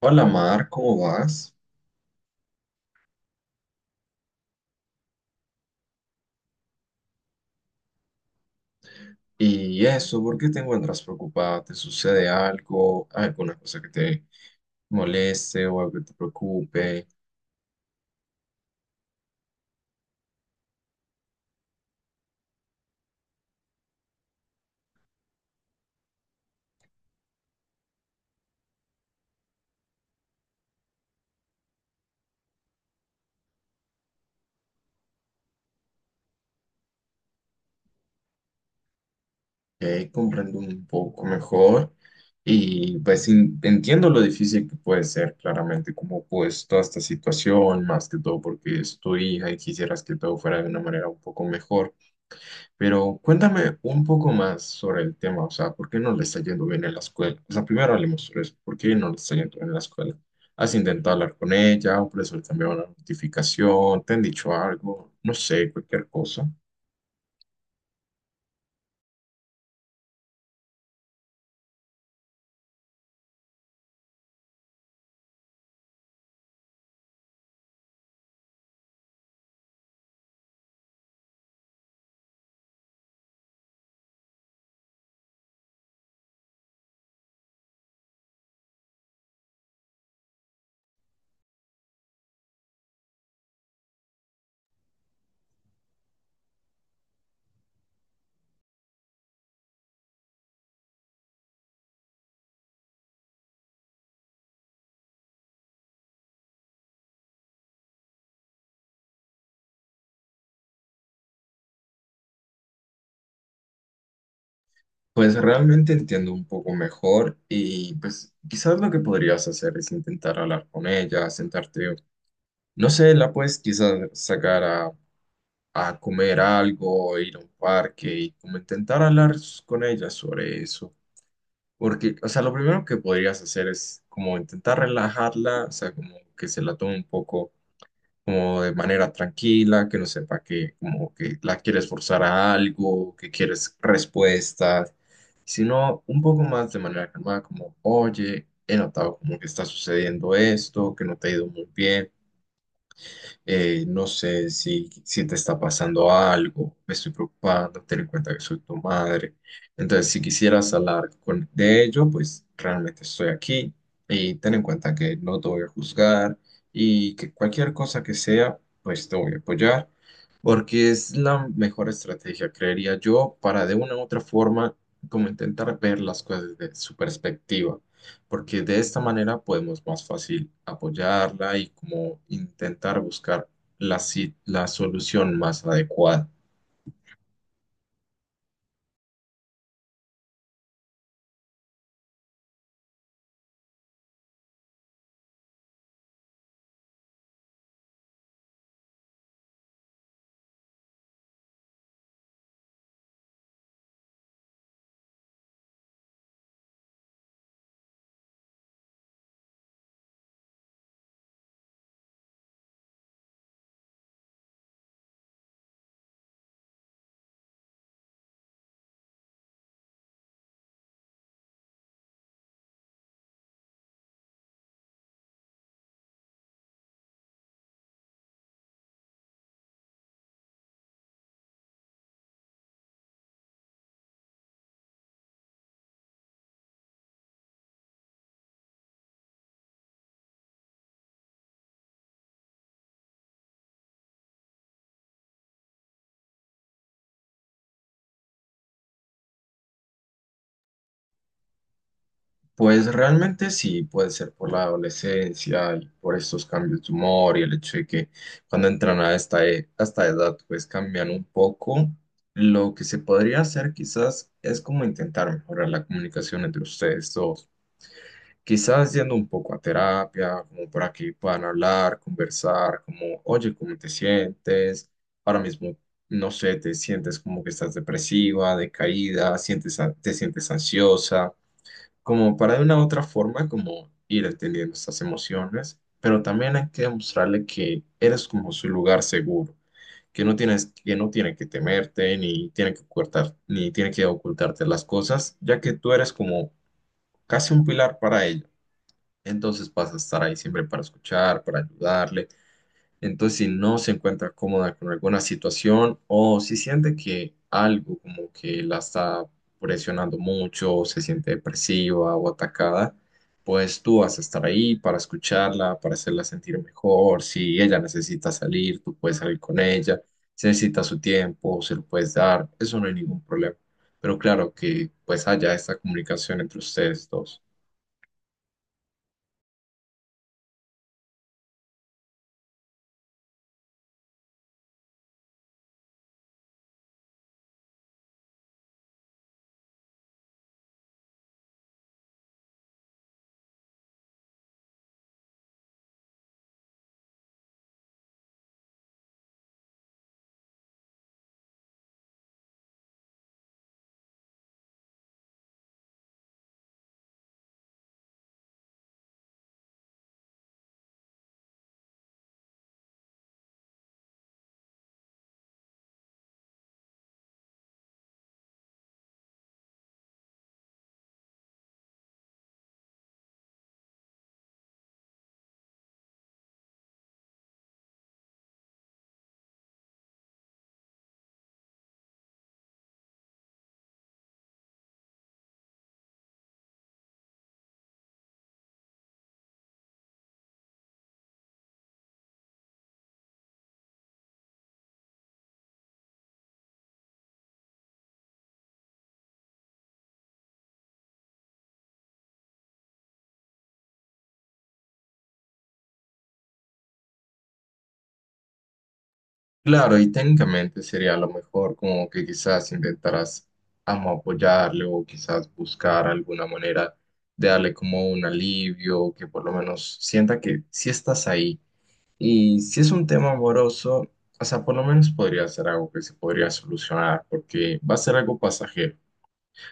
Hola Mar, ¿cómo vas? Y eso, ¿por qué te encuentras preocupada? ¿Te sucede algo? ¿Alguna cosa que te moleste o algo que te preocupe? Ok, comprendo un poco mejor y pues entiendo lo difícil que puede ser claramente como pues toda esta situación, más que todo porque es tu hija y quisieras que todo fuera de una manera un poco mejor. Pero cuéntame un poco más sobre el tema, o sea, ¿por qué no le está yendo bien en la escuela? O sea, primero hablemos sobre eso, ¿por qué no le está yendo bien en la escuela? ¿Has intentado hablar con ella? ¿Por eso le cambiaron la notificación? ¿Te han dicho algo? No sé, cualquier cosa. Pues realmente entiendo un poco mejor y pues quizás lo que podrías hacer es intentar hablar con ella, sentarte, no sé, la puedes quizás sacar a comer algo, ir a un parque y como intentar hablar con ella sobre eso. Porque, o sea, lo primero que podrías hacer es como intentar relajarla, o sea, como que se la tome un poco como de manera tranquila, que no sepa que como que la quieres forzar a algo, que quieres respuestas, sino un poco más de manera calmada, como, oye, he notado como que está sucediendo esto, que no te ha ido muy bien no sé si te está pasando algo, me estoy preocupando, ten en cuenta que soy tu madre. Entonces, si quisieras hablar con, de ello, pues realmente estoy aquí y ten en cuenta que no te voy a juzgar y que cualquier cosa que sea, pues te voy a apoyar, porque es la mejor estrategia, creería yo, para de una u otra forma, como intentar ver las cosas desde su perspectiva porque de esta manera podemos más fácil apoyarla y como intentar buscar la, la solución más adecuada. Pues realmente sí, puede ser por la adolescencia y por estos cambios de humor y el hecho de que cuando entran a esta, a esta edad pues cambian un poco. Lo que se podría hacer quizás es como intentar mejorar la comunicación entre ustedes dos. Quizás yendo un poco a terapia, como para que puedan hablar, conversar, como, oye, ¿cómo te sientes? Ahora mismo, no sé, te sientes como que estás depresiva, decaída, sientes, te sientes ansiosa, como para de una u otra forma, como ir entendiendo estas emociones, pero también hay que demostrarle que eres como su lugar seguro, que no tiene que temerte, ni tiene que ocultar, ni tiene que ocultarte las cosas, ya que tú eres como casi un pilar para ella, entonces vas a estar ahí siempre para escuchar, para ayudarle. Entonces, si no se encuentra cómoda con alguna situación o si siente que algo como que la está presionando mucho, o se siente depresiva o atacada, pues tú vas a estar ahí para escucharla, para hacerla sentir mejor. Si ella necesita salir, tú puedes salir con ella. Si necesita su tiempo, se lo puedes dar. Eso no hay ningún problema. Pero claro que pues haya esta comunicación entre ustedes dos. Claro, y técnicamente sería a lo mejor como que quizás intentaras amo apoyarle o quizás buscar alguna manera de darle como un alivio o que por lo menos sienta que sí estás ahí. Y si es un tema amoroso, o sea, por lo menos podría ser algo que se podría solucionar porque va a ser algo pasajero.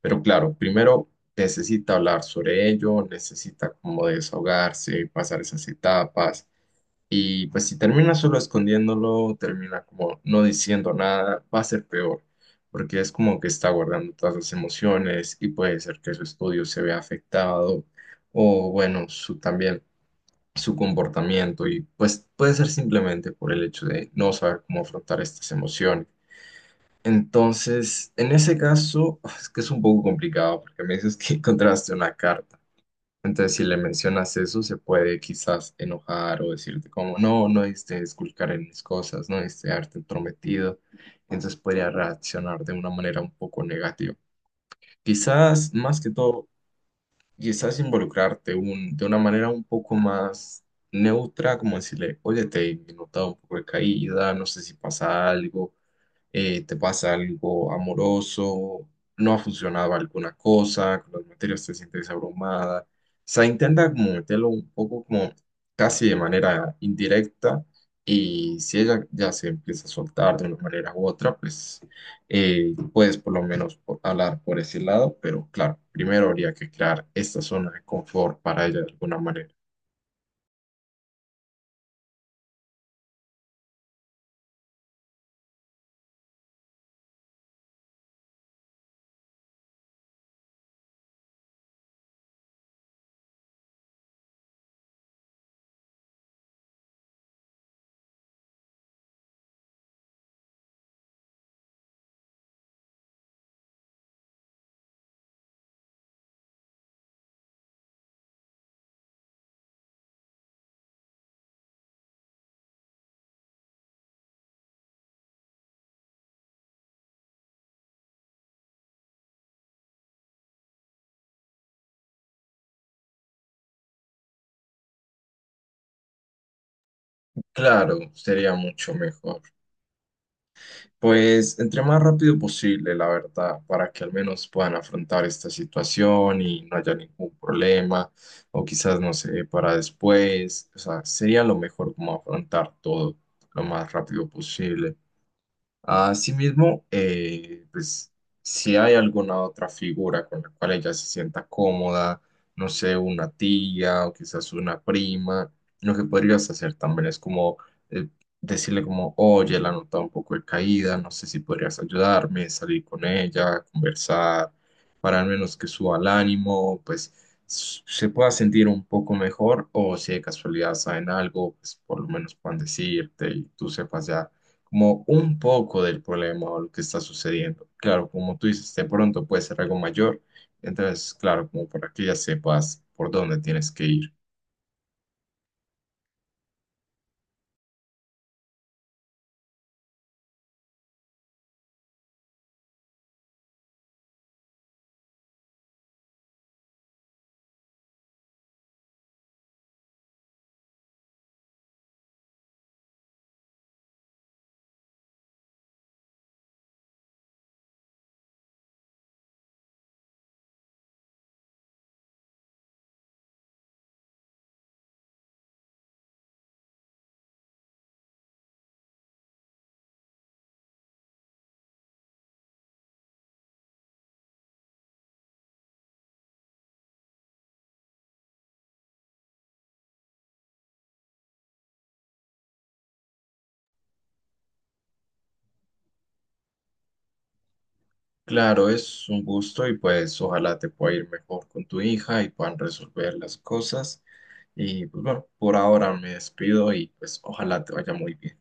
Pero claro, primero necesita hablar sobre ello, necesita como desahogarse, pasar esas etapas. Y pues si termina solo escondiéndolo, termina como no diciendo nada, va a ser peor, porque es como que está guardando todas las emociones y puede ser que su estudio se vea afectado o bueno, su también su comportamiento y pues puede ser simplemente por el hecho de no saber cómo afrontar estas emociones. Entonces, en ese caso, es que es un poco complicado porque me dices que encontraste una carta. Entonces, si le mencionas eso, se puede quizás enojar o decirte como, no, no diste esculcar en mis cosas, no diste haberte entrometido. Entonces podría reaccionar de una manera un poco negativa. Quizás, más que todo, quizás involucrarte de una manera un poco más neutra, como decirle, oye, te he notado un poco de caída, no sé si pasa algo, te pasa algo amoroso, no ha funcionado alguna cosa, con las materias te sientes abrumada. O sea, intenta como meterlo un poco como casi de manera indirecta y si ella ya se empieza a soltar de una manera u otra, pues puedes por lo menos hablar por ese lado, pero claro, primero habría que crear esta zona de confort para ella de alguna manera. Claro, sería mucho mejor. Pues entre más rápido posible, la verdad, para que al menos puedan afrontar esta situación y no haya ningún problema, o quizás, no sé, para después, o sea, sería lo mejor como afrontar todo lo más rápido posible. Asimismo, pues si hay alguna otra figura con la cual ella se sienta cómoda, no sé, una tía o quizás una prima, lo que podrías hacer también es como eh, decirle como, oye, la nota un poco de caída, no sé si podrías ayudarme, salir con ella, conversar, para al menos que suba el ánimo, pues se pueda sentir un poco mejor o si de casualidad saben algo, pues por lo menos puedan decirte y tú sepas ya como un poco del problema o lo que está sucediendo. Claro, como tú dices, de pronto puede ser algo mayor, entonces, claro, como para que ya sepas por dónde tienes que ir. Claro, es un gusto y pues ojalá te pueda ir mejor con tu hija y puedan resolver las cosas. Y pues bueno, por ahora me despido y pues ojalá te vaya muy bien.